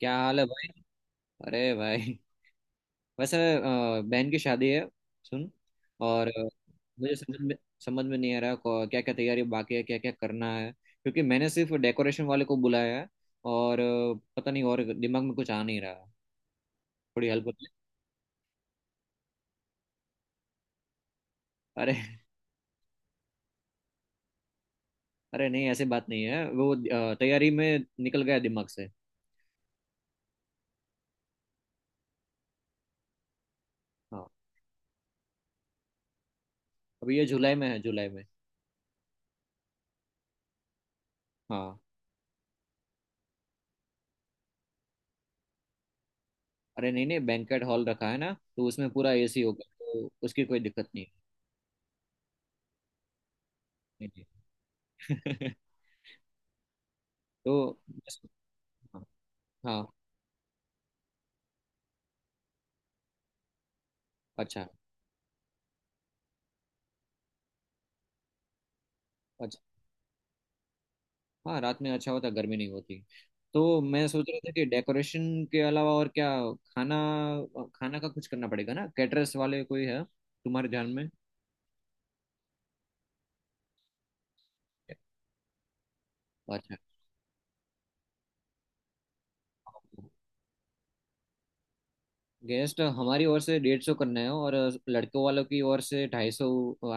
क्या हाल है भाई। अरे भाई। वैसे बहन की शादी है। सुन। और मुझे समझ में नहीं आ रहा। क्या क्या तैयारी बाकी है, क्या क्या करना है, क्योंकि मैंने सिर्फ डेकोरेशन वाले को बुलाया है। और पता नहीं, और दिमाग में कुछ आ नहीं रहा। थोड़ी हेल्प होती है? अरे। अरे नहीं, ऐसी बात नहीं है, वो तैयारी में निकल गया दिमाग से। हाँ। अभी ये जुलाई में है, जुलाई में। हाँ। अरे नहीं नहीं, बैंकेट हॉल रखा है ना। तो उसमें पूरा एसी होगा, तो उसकी कोई दिक्कत नहीं है। तो। हाँ। हाँ, अच्छा अच्छा। हाँ, रात में अच्छा होता, गर्मी नहीं होती। तो मैं सोच रहा था कि डेकोरेशन के अलावा और क्या। खाना। खाना का कुछ करना पड़ेगा ना, कैटरर्स वाले कोई है तुम्हारे ध्यान में? अच्छा। गेस्ट हमारी ओर से 150 करना है, और लड़कों वालों की ओर से 250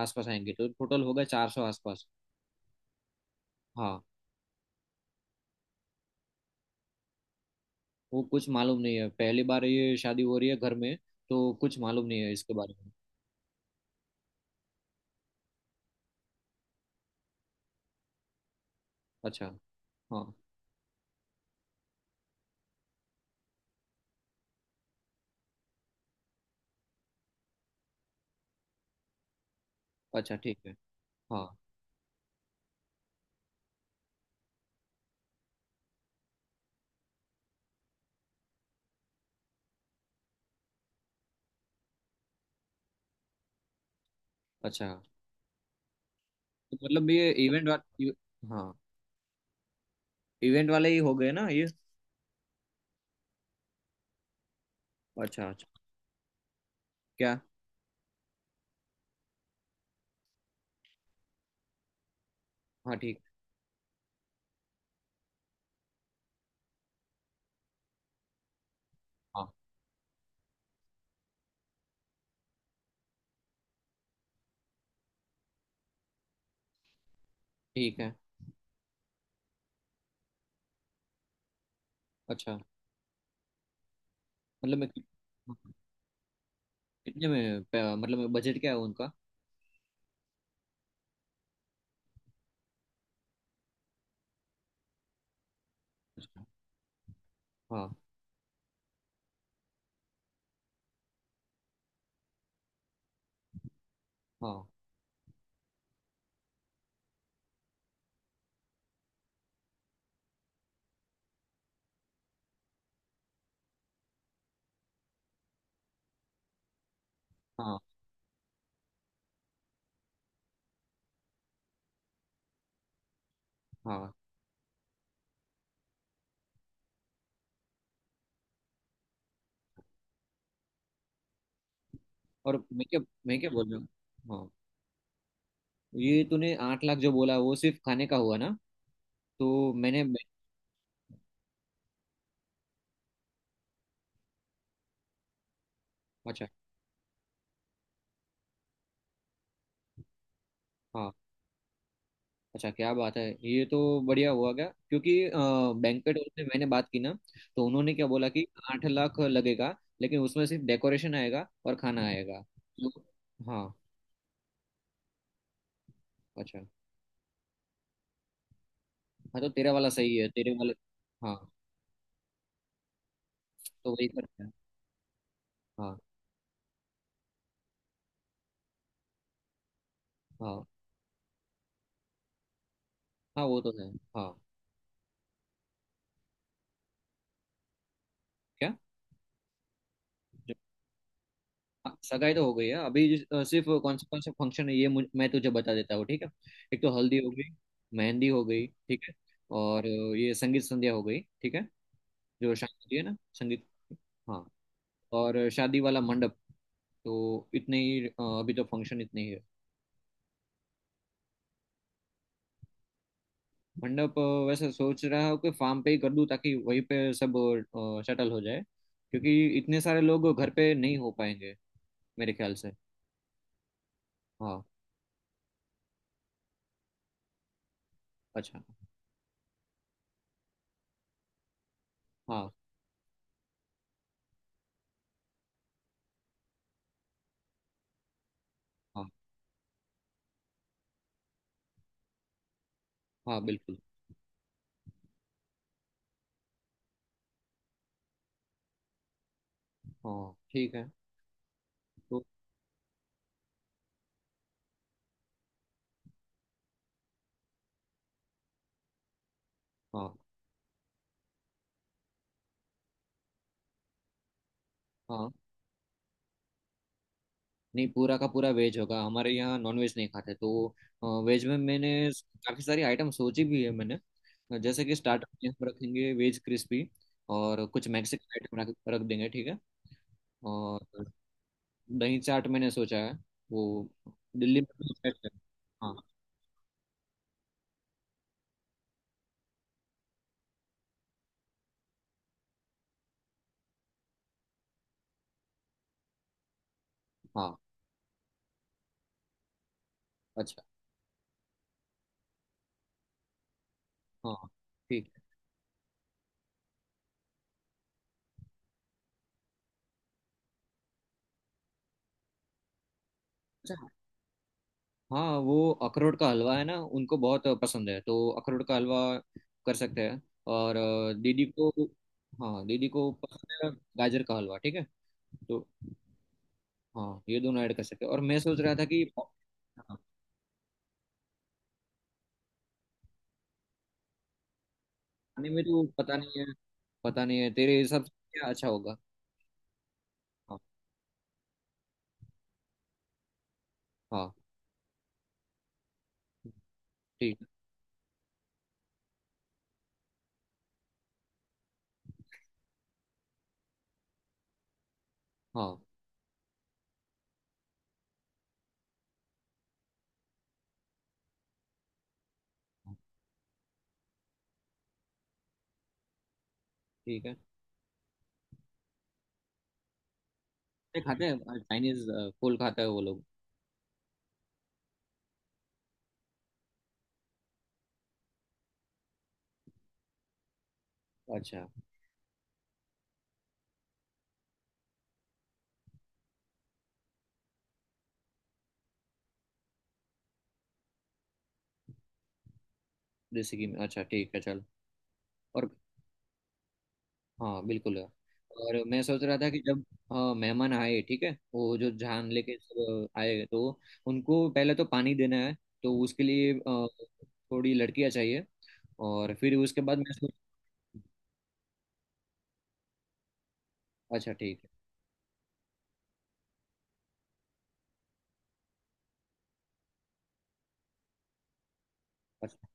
आसपास आएंगे, तो टोटल होगा 400 आसपास। हाँ। वो कुछ मालूम नहीं है, पहली बार ये शादी हो रही है घर में। तो कुछ मालूम नहीं है इसके बारे में। अच्छा। हाँ। अच्छा ठीक है। हाँ। अच्छा। तो मतलब ये इवेंट वाला। हाँ। इवेंट वाले ही हो गए ना ये? अच्छा अच्छा। क्या? हाँ ठीक। हाँ ठीक है। अच्छा। मतलब मैं कितने में मतलब बजट क्या है उनका? अच्छा, हाँ। हाँ। हाँ। हाँ। और मैं क्या बोल रहा हूँ? हाँ। ये तूने 8 लाख जो बोला, वो सिर्फ खाने का हुआ ना? तो मैंने अच्छा। हाँ। अच्छा क्या बात है! ये तो बढ़िया हुआ क्या, क्योंकि बैंकेट हॉल से मैंने बात की ना। तो उन्होंने क्या बोला कि 8 लाख लगेगा, लेकिन उसमें सिर्फ डेकोरेशन आएगा और खाना आएगा। तो। हाँ। अच्छा। हाँ तो तेरा वाला सही है, तेरे वाले। हाँ। तो वही करते हैं। हाँ। हाँ। हाँ वो तो है। हाँ। क्या? जो- हाँ, सगाई तो हो गई है। अभी सिर्फ कौन सा फंक्शन है ये मैं तुझे बता देता हूँ, ठीक है। एक तो हल्दी हो गई। मेहंदी हो गई, ठीक है। और ये संगीत संध्या हो गई, ठीक है। जो शादी होती है ना, संगीत। हाँ। और शादी वाला मंडप। तो इतने ही अभी तो फंक्शन इतने ही है। मंडप वैसे सोच रहा हूँ कि फार्म पे ही कर दूँ, ताकि वहीं पे सब शटल हो जाए। क्योंकि इतने सारे लोग घर पे नहीं हो पाएंगे, मेरे ख्याल से। हाँ। अच्छा। हाँ हाँ। हाँ बिल्कुल। हाँ ठीक है। तो। हाँ। हाँ नहीं, पूरा का पूरा वेज होगा, हमारे यहाँ नॉन वेज नहीं खाते। तो वेज में मैंने काफ़ी सारी आइटम सोची भी है मैंने। जैसे कि स्टार्टर में हम रखेंगे वेज क्रिस्पी, और कुछ मैक्सिकन आइटम रख रख देंगे, ठीक है। और दही चाट मैंने सोचा है। वो दिल्ली में भी फेमस है। हाँ। हाँ। अच्छा। हाँ ठीक है। अच्छा। हाँ वो अखरोट का हलवा है ना, उनको बहुत पसंद है, तो अखरोट का हलवा कर सकते हैं। और दीदी को। हाँ दीदी को पसंद है गाजर का हलवा, ठीक है। तो। हाँ ये दोनों ऐड कर सकते हैं, और मैं सोच रहा था कि। हाँ, खाने में तो पता नहीं है। पता नहीं है, तेरे हिसाब से क्या अच्छा होगा। हाँ। हाँ ठीक। हाँ। हाँ, ठीक है। ये खाते हैं चाइनीज। फूल खाता है वो लोग। अच्छा। देसी घी में अच्छा, ठीक है चल। और। हाँ बिल्कुल है। और मैं सोच रहा था कि जब। हाँ, मेहमान आए, ठीक है, वो जो जान लेके सब आए तो उनको पहले तो पानी देना है। तो उसके लिए थोड़ी लड़कियां चाहिए। और फिर उसके बाद मैं सोच। अच्छा ठीक है। अच्छा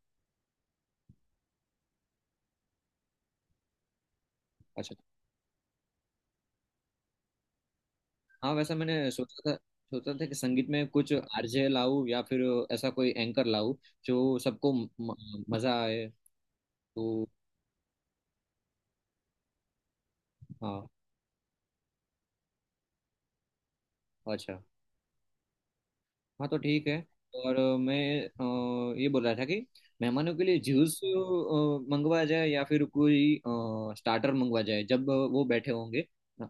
अच्छा। हाँ वैसा मैंने सोचा था। सोचा था कि संगीत में कुछ आरजे लाऊं या फिर ऐसा कोई एंकर लाऊं जो सबको म, म- मजा आए। तो। हाँ। अच्छा। हाँ तो ठीक है। और मैं ये बोल रहा था कि मेहमानों के लिए जूस मंगवा जाए या फिर कोई स्टार्टर मंगवा जाए जब वो बैठे होंगे।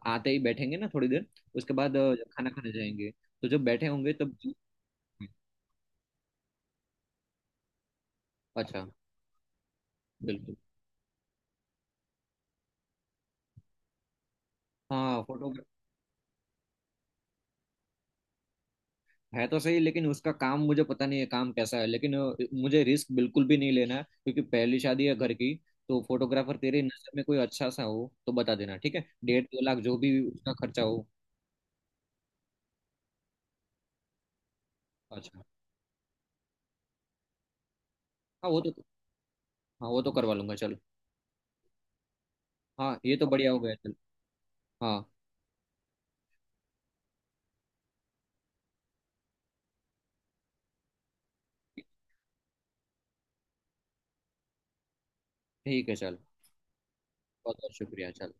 आते ही बैठेंगे ना थोड़ी देर, उसके बाद खाना खाने जाएंगे, तो जब बैठे होंगे तब। अच्छा। बिल्कुल। हाँ फोटो है तो सही, लेकिन उसका काम मुझे पता नहीं है, काम कैसा है, लेकिन मुझे रिस्क बिल्कुल भी नहीं लेना है क्योंकि पहली शादी है घर की। तो फोटोग्राफर तेरे नजर में कोई अच्छा सा हो तो बता देना, ठीक है। 1.5-2 लाख जो भी उसका खर्चा हो। अच्छा। हाँ वो तो। हाँ वो तो करवा लूंगा चल। हाँ ये तो बढ़िया हो गया चल। हाँ ठीक है चल। बहुत बहुत शुक्रिया चल।